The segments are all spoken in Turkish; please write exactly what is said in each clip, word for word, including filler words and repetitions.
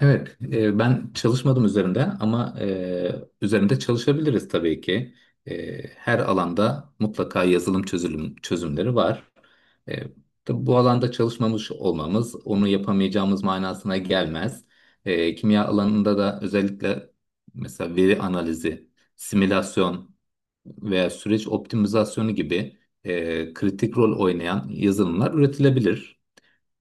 Evet, e, ben çalışmadım üzerinde ama e, üzerinde çalışabiliriz tabii ki. E, her alanda mutlaka yazılım çözülüm, çözümleri var. E, tabii bu alanda çalışmamış olmamız onu yapamayacağımız manasına gelmez. E, kimya alanında da özellikle mesela veri analizi, simülasyon veya süreç optimizasyonu gibi e, kritik rol oynayan yazılımlar üretilebilir.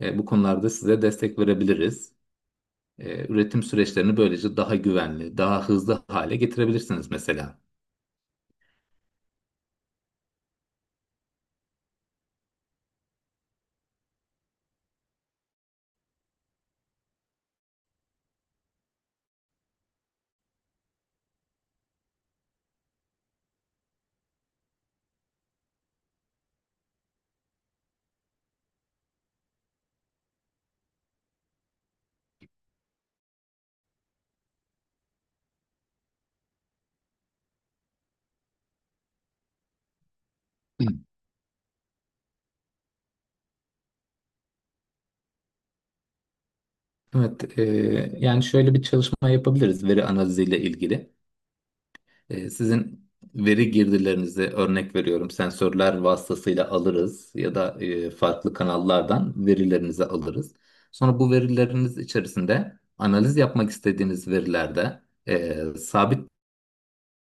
E, bu konularda size destek verebiliriz. E, üretim süreçlerini böylece daha güvenli, daha hızlı hale getirebilirsiniz mesela. Hı. Evet, e, yani şöyle bir çalışma yapabiliriz veri analiziyle ilgili. E, sizin veri girdilerinizi örnek veriyorum sensörler vasıtasıyla alırız ya da e, farklı kanallardan verilerinizi alırız. Sonra bu verileriniz içerisinde analiz yapmak istediğiniz verilerde e, sabit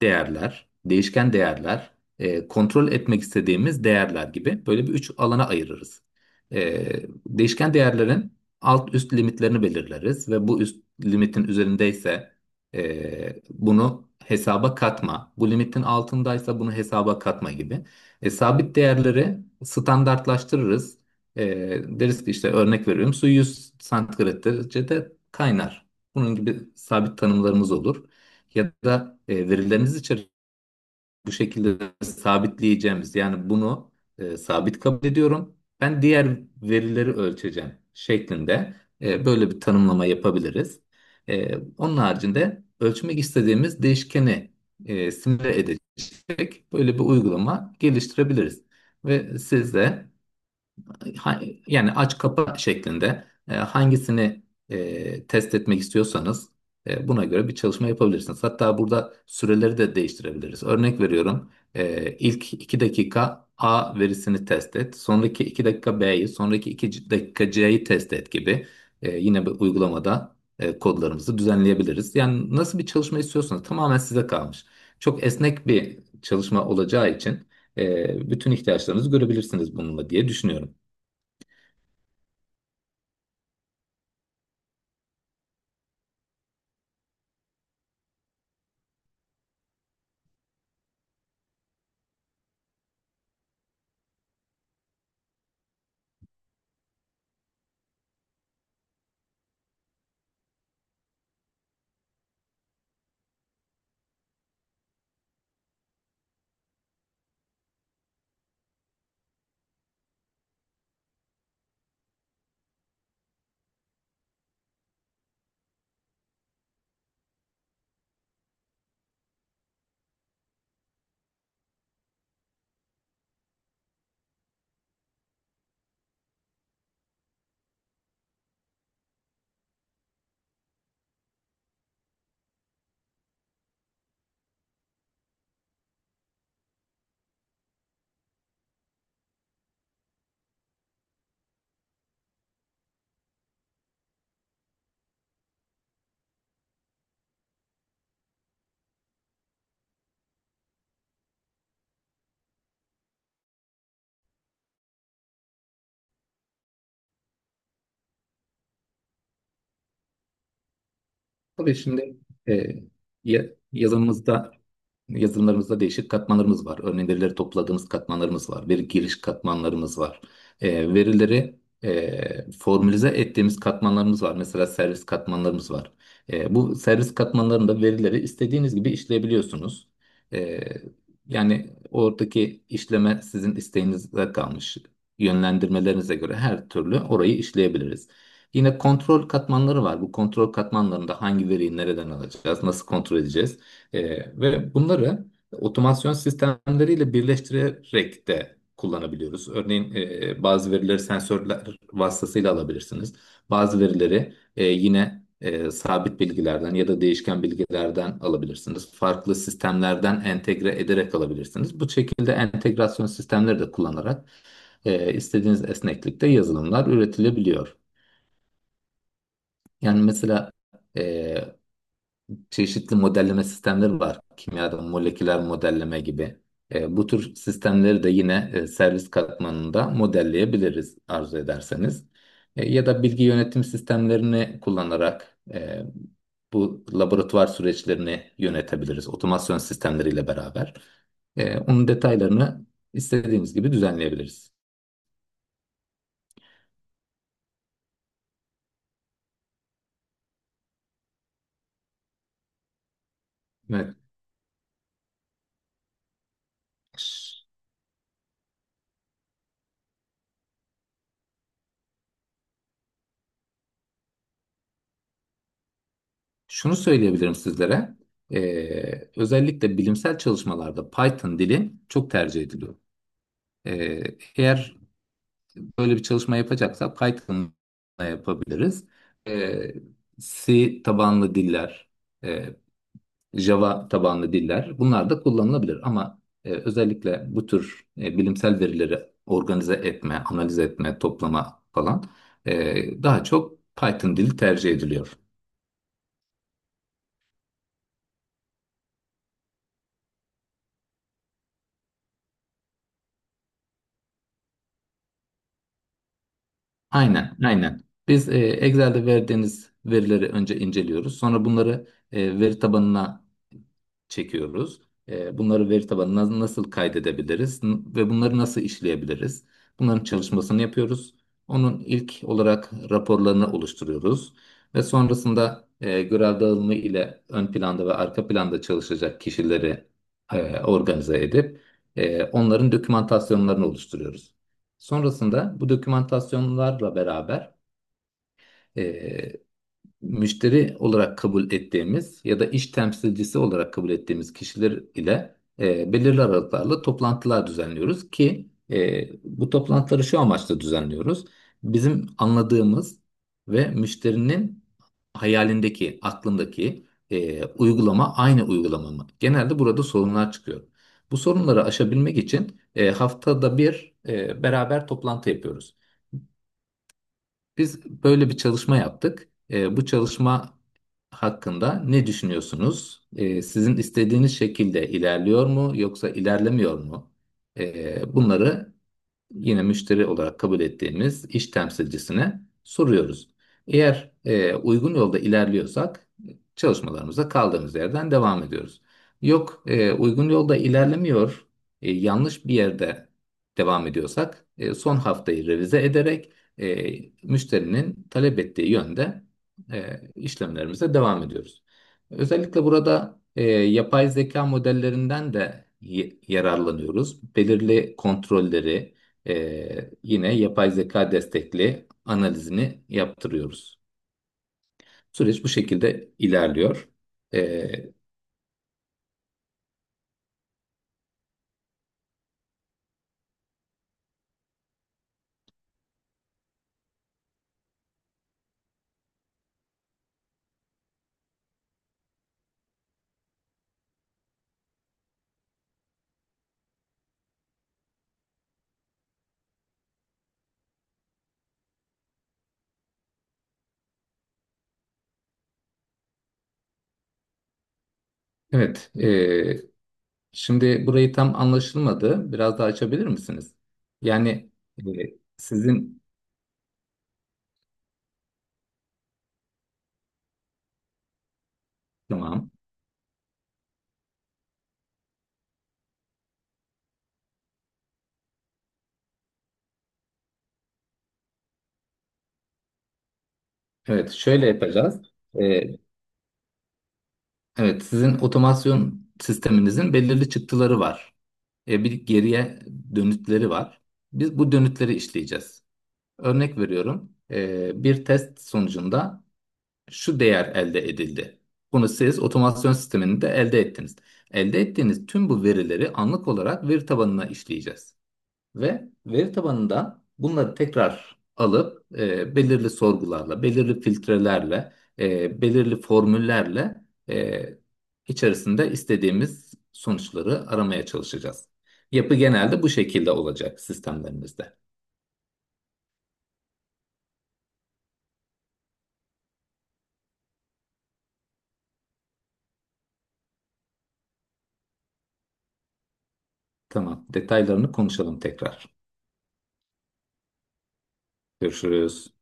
değerler, değişken değerler, e, kontrol etmek istediğimiz değerler gibi böyle bir üç alana ayırırız. E, Değişken değerlerin alt üst limitlerini belirleriz ve bu üst limitin üzerindeyse e, bunu hesaba katma, bu limitin altındaysa bunu hesaba katma gibi. E, sabit değerleri standartlaştırırız. E, Deriz ki işte örnek veriyorum su yüz santigrat derecede kaynar. Bunun gibi sabit tanımlarımız olur ya da e, verileriniz içerisinde bu şekilde sabitleyeceğimiz yani bunu e, sabit kabul ediyorum. Ben diğer verileri ölçeceğim şeklinde e, böyle bir tanımlama yapabiliriz. E, onun haricinde ölçmek istediğimiz değişkeni e, simüle edecek böyle bir uygulama geliştirebiliriz. Ve siz de ha- yani aç kapa şeklinde e, hangisini e, test etmek istiyorsanız e, buna göre bir çalışma yapabilirsiniz. Hatta burada süreleri de değiştirebiliriz. Örnek veriyorum. e, ilk iki dakika A verisini test et. Sonraki iki dakika B'yi, sonraki iki dakika C'yi test et gibi. E, yine bir uygulamada e, kodlarımızı düzenleyebiliriz. Yani nasıl bir çalışma istiyorsanız tamamen size kalmış. Çok esnek bir çalışma olacağı için e, bütün ihtiyaçlarınızı görebilirsiniz bununla diye düşünüyorum. Tabii şimdi e, ya- yazımızda yazılımlarımızda değişik katmanlarımız var. Örneğin verileri topladığımız katmanlarımız var. Veri giriş katmanlarımız var. E, verileri e, formülize ettiğimiz katmanlarımız var. Mesela servis katmanlarımız var. E, bu servis katmanlarında verileri istediğiniz gibi işleyebiliyorsunuz. E, Yani oradaki işleme sizin isteğinize kalmış. Yönlendirmelerinize göre her türlü orayı işleyebiliriz. Yine kontrol katmanları var. Bu kontrol katmanlarında hangi veriyi nereden alacağız, nasıl kontrol edeceğiz? Ee, ve bunları otomasyon sistemleriyle birleştirerek de kullanabiliyoruz. Örneğin e, bazı verileri sensörler vasıtasıyla alabilirsiniz. Bazı verileri e, yine e, sabit bilgilerden ya da değişken bilgilerden alabilirsiniz. Farklı sistemlerden entegre ederek alabilirsiniz. Bu şekilde entegrasyon sistemleri de kullanarak e, istediğiniz esneklikte yazılımlar üretilebiliyor. Yani mesela e, çeşitli modelleme sistemleri var. Kimyada moleküler modelleme gibi. E, bu tür sistemleri de yine e, servis katmanında modelleyebiliriz arzu ederseniz. E, ya da bilgi yönetim sistemlerini kullanarak e, bu laboratuvar süreçlerini yönetebiliriz. Otomasyon sistemleriyle beraber. E, onun detaylarını istediğimiz gibi düzenleyebiliriz. Evet. Ş- Şunu söyleyebilirim sizlere. E, özellikle bilimsel çalışmalarda Python dili çok tercih ediliyor. Ee, Eğer böyle bir çalışma yapacaksak Python'la yapabiliriz. Ee, C tabanlı diller, e, Java tabanlı diller bunlar da kullanılabilir. Ama e, özellikle bu tür e, bilimsel verileri organize etme, analiz etme, toplama falan e, daha çok Python dili tercih ediliyor. Aynen, aynen. Biz e, Excel'de verdiğiniz verileri önce inceliyoruz. Sonra bunları e, veri tabanına çekiyoruz. E, bunları veri tabanına nasıl kaydedebiliriz n- ve bunları nasıl işleyebiliriz? Bunların çalışmasını yapıyoruz. Onun ilk olarak raporlarını oluşturuyoruz ve sonrasında e, görev dağılımı ile ön planda ve arka planda çalışacak kişileri e, organize edip e, onların dokümantasyonlarını oluşturuyoruz. Sonrasında bu dokümantasyonlarla beraber müşteri olarak kabul ettiğimiz ya da iş temsilcisi olarak kabul ettiğimiz kişiler ile e, belirli aralıklarla toplantılar düzenliyoruz ki e, bu toplantıları şu amaçla düzenliyoruz. Bizim anladığımız ve müşterinin hayalindeki, aklındaki e, uygulama aynı uygulama mı? Genelde burada sorunlar çıkıyor. Bu sorunları aşabilmek için e, haftada bir e, beraber toplantı yapıyoruz. Biz böyle bir çalışma yaptık. Ee, bu çalışma hakkında ne düşünüyorsunuz? Ee, sizin istediğiniz şekilde ilerliyor mu yoksa ilerlemiyor mu? Ee, bunları yine müşteri olarak kabul ettiğimiz iş temsilcisine soruyoruz. Eğer e, uygun yolda ilerliyorsak çalışmalarımıza kaldığımız yerden devam ediyoruz. Yok e, uygun yolda ilerlemiyor, e, yanlış bir yerde devam ediyorsak e, son haftayı revize ederek e, müşterinin talep ettiği yönde e, işlemlerimize devam ediyoruz. Özellikle burada e, yapay zeka modellerinden de y- yararlanıyoruz. Belirli kontrolleri, ee, yine yapay zeka destekli analizini yaptırıyoruz. Süreç bu şekilde ilerliyor. Ee, evet, ee, şimdi burayı tam anlaşılmadı. Biraz daha açabilir misiniz? Yani e, sizin tamam. Evet, şöyle yapacağız. Ee, evet, sizin otomasyon sisteminizin belirli çıktıları var. Ee, bir geriye dönütleri var. Biz bu dönütleri işleyeceğiz. Örnek veriyorum. Ee, bir test sonucunda şu değer elde edildi. Bunu siz otomasyon sisteminde elde ettiniz. Elde ettiğiniz tüm bu verileri anlık olarak veri tabanına işleyeceğiz. Ve veri tabanında bunları tekrar alıp e, belirli sorgularla, belirli filtrelerle, e, belirli formüllerle e, içerisinde istediğimiz sonuçları aramaya çalışacağız. Yapı genelde bu şekilde olacak sistemlerimizde. Tamam, detaylarını konuşalım tekrar. Görüşürüz.